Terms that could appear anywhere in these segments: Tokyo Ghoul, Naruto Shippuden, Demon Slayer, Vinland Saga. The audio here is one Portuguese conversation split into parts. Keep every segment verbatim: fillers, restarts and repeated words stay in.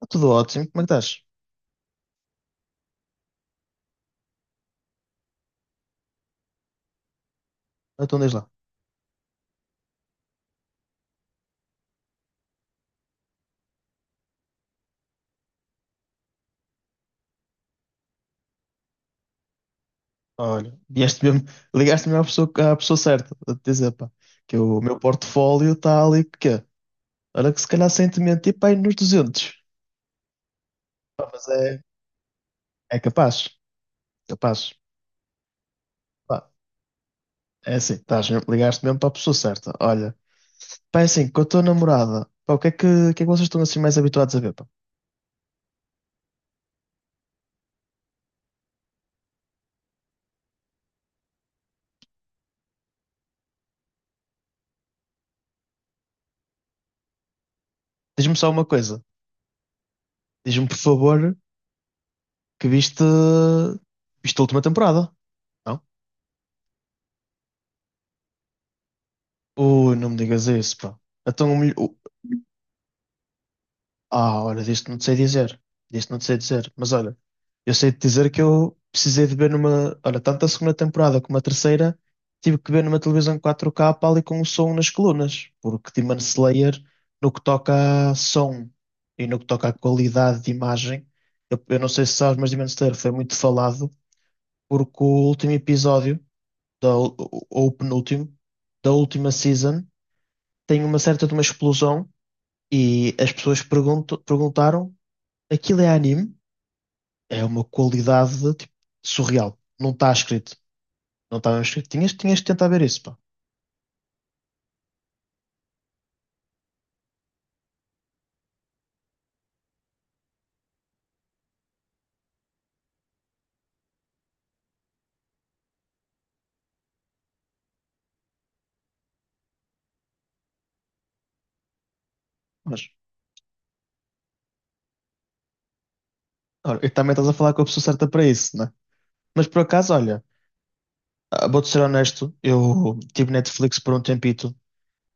Está tudo ótimo, como é que estás? Então diz lá. Olha, vieste mesmo, ligaste-me à pessoa, à pessoa certa, a te dizer, pá, que o meu portfólio está ali, que quê? Olha que se calhar sem te mentir, pá, aí nos duzentos. Pá, mas é, é capaz, capaz. Pá, é assim, estás, mesmo- ligaste mesmo para a pessoa certa. Olha, pá, é assim, com a tua namorada, pá, o que é que, o que é que vocês estão assim mais habituados a ver, pá? Diz-me só uma coisa. Diz-me, por favor, que viste, viste a última temporada, não? Ui, não me digas isso, pá. Então, o melhor. Ah, olha, disto não te sei dizer. Disto não te sei dizer. Mas olha, eu sei te dizer que eu precisei de ver numa. Olha, tanto a segunda temporada como a terceira, tive que ver numa televisão quatro K, pá, ali com o som nas colunas. Porque Demon Slayer, no que toca a som e no que toca à qualidade de imagem, eu, eu não sei se sabes, mas Demon Slayer foi muito falado porque o último episódio, da, ul- ou o penúltimo, da última season, tem uma certa de uma explosão. E as pessoas perguntam- perguntaram: aquilo é anime, é uma qualidade tipo, surreal. Não está escrito. Não está mesmo escrito. Tinhas, tinhas de tentar ver isso, pá. Mas, olha, e também estás a falar com a pessoa certa para isso, né? Mas por acaso, olha, ah, vou-te ser honesto, eu tive Netflix por um tempito.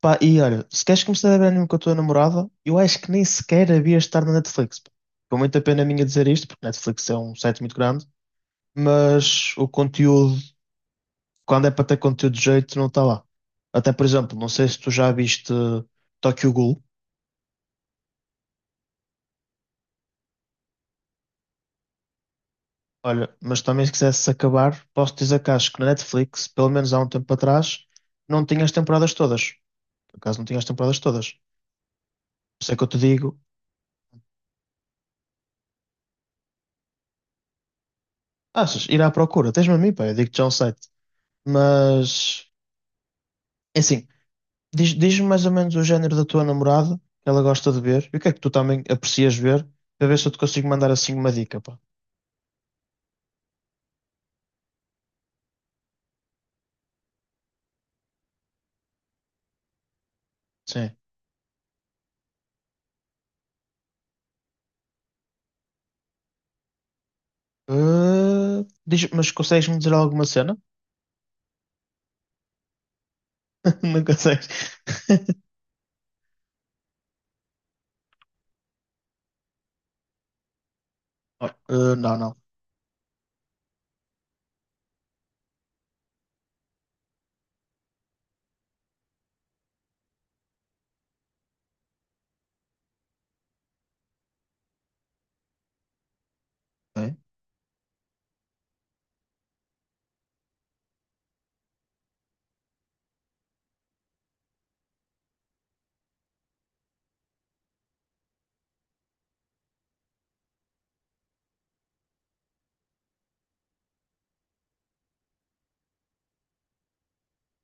Pá, e olha, se queres começar a ver anime com a tua namorada, eu acho que nem sequer havia de estar na Netflix, pá. Com muita pena minha dizer isto, porque Netflix é um site muito grande, mas o conteúdo, quando é para ter conteúdo de jeito, não está lá. Até, por exemplo, não sei se tu já viste Tokyo Ghoul. Olha, mas também se quisesse acabar, posso dizer que acho que na Netflix, pelo menos há um tempo atrás, não tinha as temporadas todas. Por acaso não tinha as temporadas todas. Por isso é que eu te digo, achas, ir à procura, tens-me a mim, pá, eu digo-te já um site. Mas, é assim. Diz, diz-me mais ou menos o género da tua namorada, que ela gosta de ver, e o que é que tu também aprecias ver, para ver se eu te consigo mandar assim uma dica, pá. Sim. Ah, diz, mas consegues-me dizer alguma cena? Não consegues? Ah, não, não. Ok.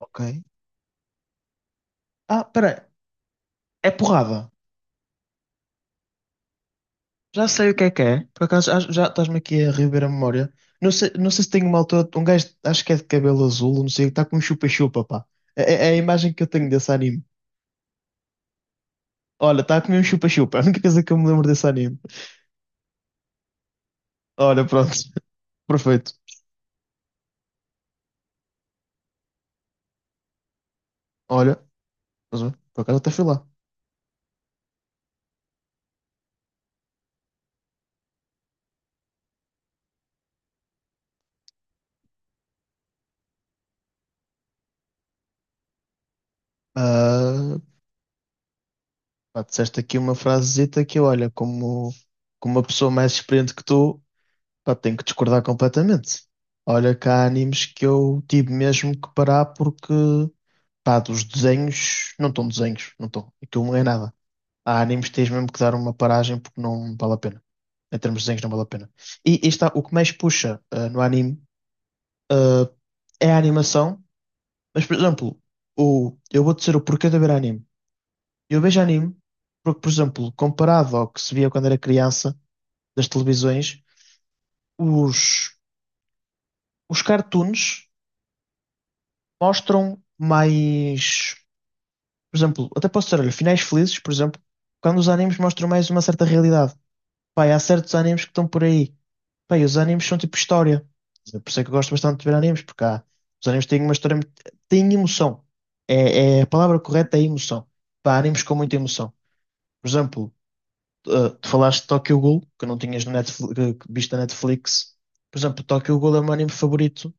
Ok. Ah, peraí. É porrada. Já sei o que é que é. Por acaso, acho- já estás-me aqui a reviver a memória. Não sei, não sei se tenho uma altura. Um gajo, acho que é de cabelo azul, não sei, está com um chupa-chupa, pá. É, é é a imagem que eu tenho desse anime. Olha, está a comer um chupa-chupa. É a única coisa que eu me lembro desse anime. Olha, pronto, perfeito. Olha, mas, olha, por acaso até fui lá. Ah, pá, disseste aqui uma frasezita que, olha, como, como uma pessoa mais experiente que tu, pá, tenho que discordar completamente. Olha, que há animes que eu tive mesmo que parar porque, pá, dos desenhos, não estão desenhos, não estão. Aquilo não é nada. Há animes que tens mesmo que dar uma paragem porque não vale a pena. Em termos de desenhos, não vale a pena. E, e está, o que mais puxa ah, no anime, ah, é a animação. Mas, por exemplo, o, eu vou dizer o porquê de ver anime. Eu vejo anime porque, por exemplo, comparado ao que se via quando era criança, das televisões, os, os cartoons mostram mais. Por exemplo, até posso dizer, olha, finais felizes, por exemplo, quando os animes mostram mais uma certa realidade. Pai, há certos animes que estão por aí. Pai, os animes são tipo história. Por isso é que eu gosto bastante de ver animes, porque há, os animes têm uma história, muito- têm emoção. É, é- a palavra correta é emoção. Pá, há animes com muita emoção. Por exemplo, eh, tu falaste de Tokyo Ghoul, que não tinhas no Netflix, que viste na Netflix. Por exemplo, Tokyo Ghoul é o meu anime favorito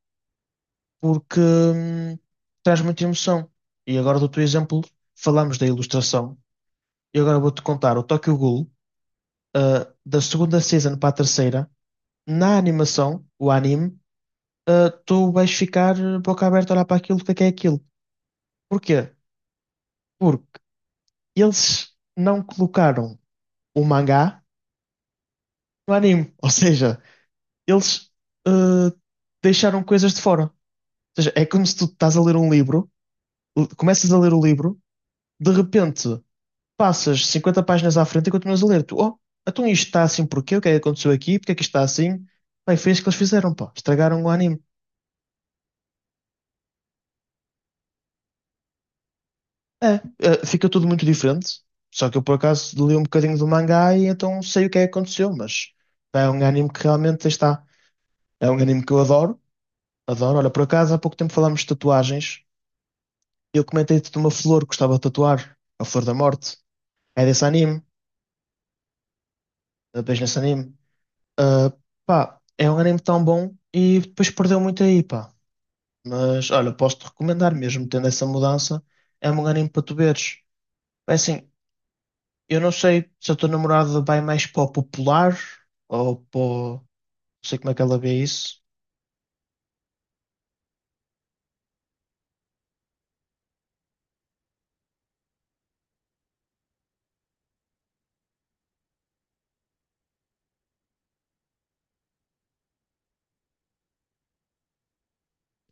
porque hum, traz muita emoção. E agora do teu exemplo, falámos da ilustração. E agora vou-te contar o Tokyo Ghoul, eh, da segunda season para a terceira, na animação, o anime, tu vais ficar boca aberta a olhar para aquilo, o que é que é aquilo. Porquê? Porque eles não colocaram o mangá no anime. Ou seja, eles ah, deixaram coisas de fora. Ou seja, é como se tu estás a ler um livro, l- começas a ler o livro, de repente passas cinquenta páginas à frente e continuas a ler. Tu, oh, então isto está assim porquê? O que é que aconteceu aqui? Porque é que isto está assim? Bem, foi isso que eles fizeram, pá. Estragaram o anime. É, ah, fica tudo muito diferente. Só que eu por acaso li um bocadinho do mangá e então sei o que é que aconteceu, mas é um anime que realmente aí está. É um anime que eu adoro. Adoro. Olha, por acaso há pouco tempo falámos de tatuagens. Eu comentei-te de uma flor que gostava de tatuar, a Flor da Morte. É desse anime, eu vejo nesse anime. Ah, pá, é um anime tão bom e depois perdeu muito aí, pá. Mas olha, posso-te recomendar mesmo, tendo essa mudança, é um anime para tu veres. É assim, eu não sei se a tua namorada vai mais para o popular ou para. o- Não sei como é que ela vê isso.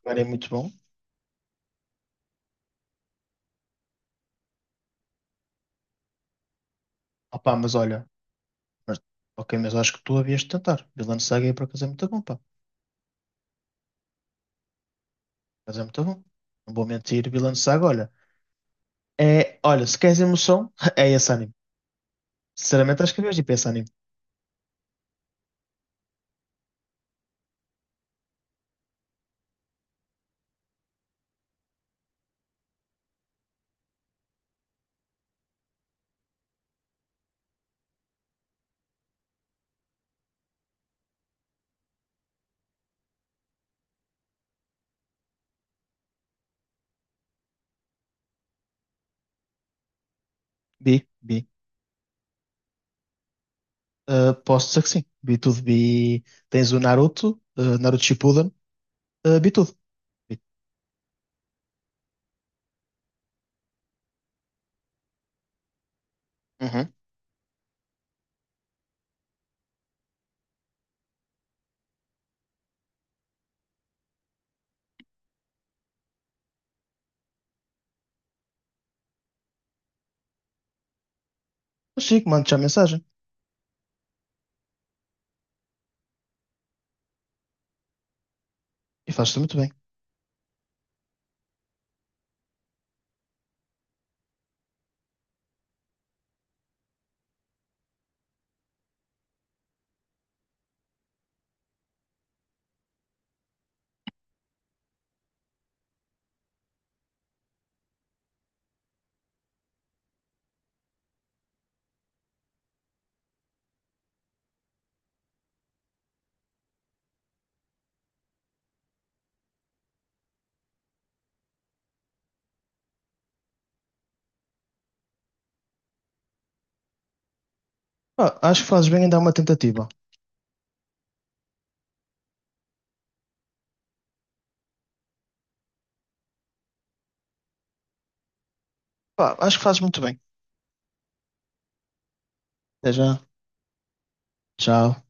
Um anime é muito bom. Opá, mas olha, mas- ok, mas acho que tu havias de tentar. Vinland Saga é por acaso é muito bom, pá. Mas é muito bom. Não vou mentir, Vinland Saga, olha. É, olha, se queres emoção, é esse anime. Sinceramente, acho que vejo tipo esse anime. Vi, vi. Uh, posso dizer que sim. Vi tudo. Vi. Tens o Naruto, uh, Naruto Shippuden. Uh, vi tudo. Vi. Uhum. Mas Chico, mando-te já a mensagem. E fazes-te muito bem. Pá, acho que fazes bem em dar uma tentativa. Pá, acho que fazes muito bem. Até já. Tchau.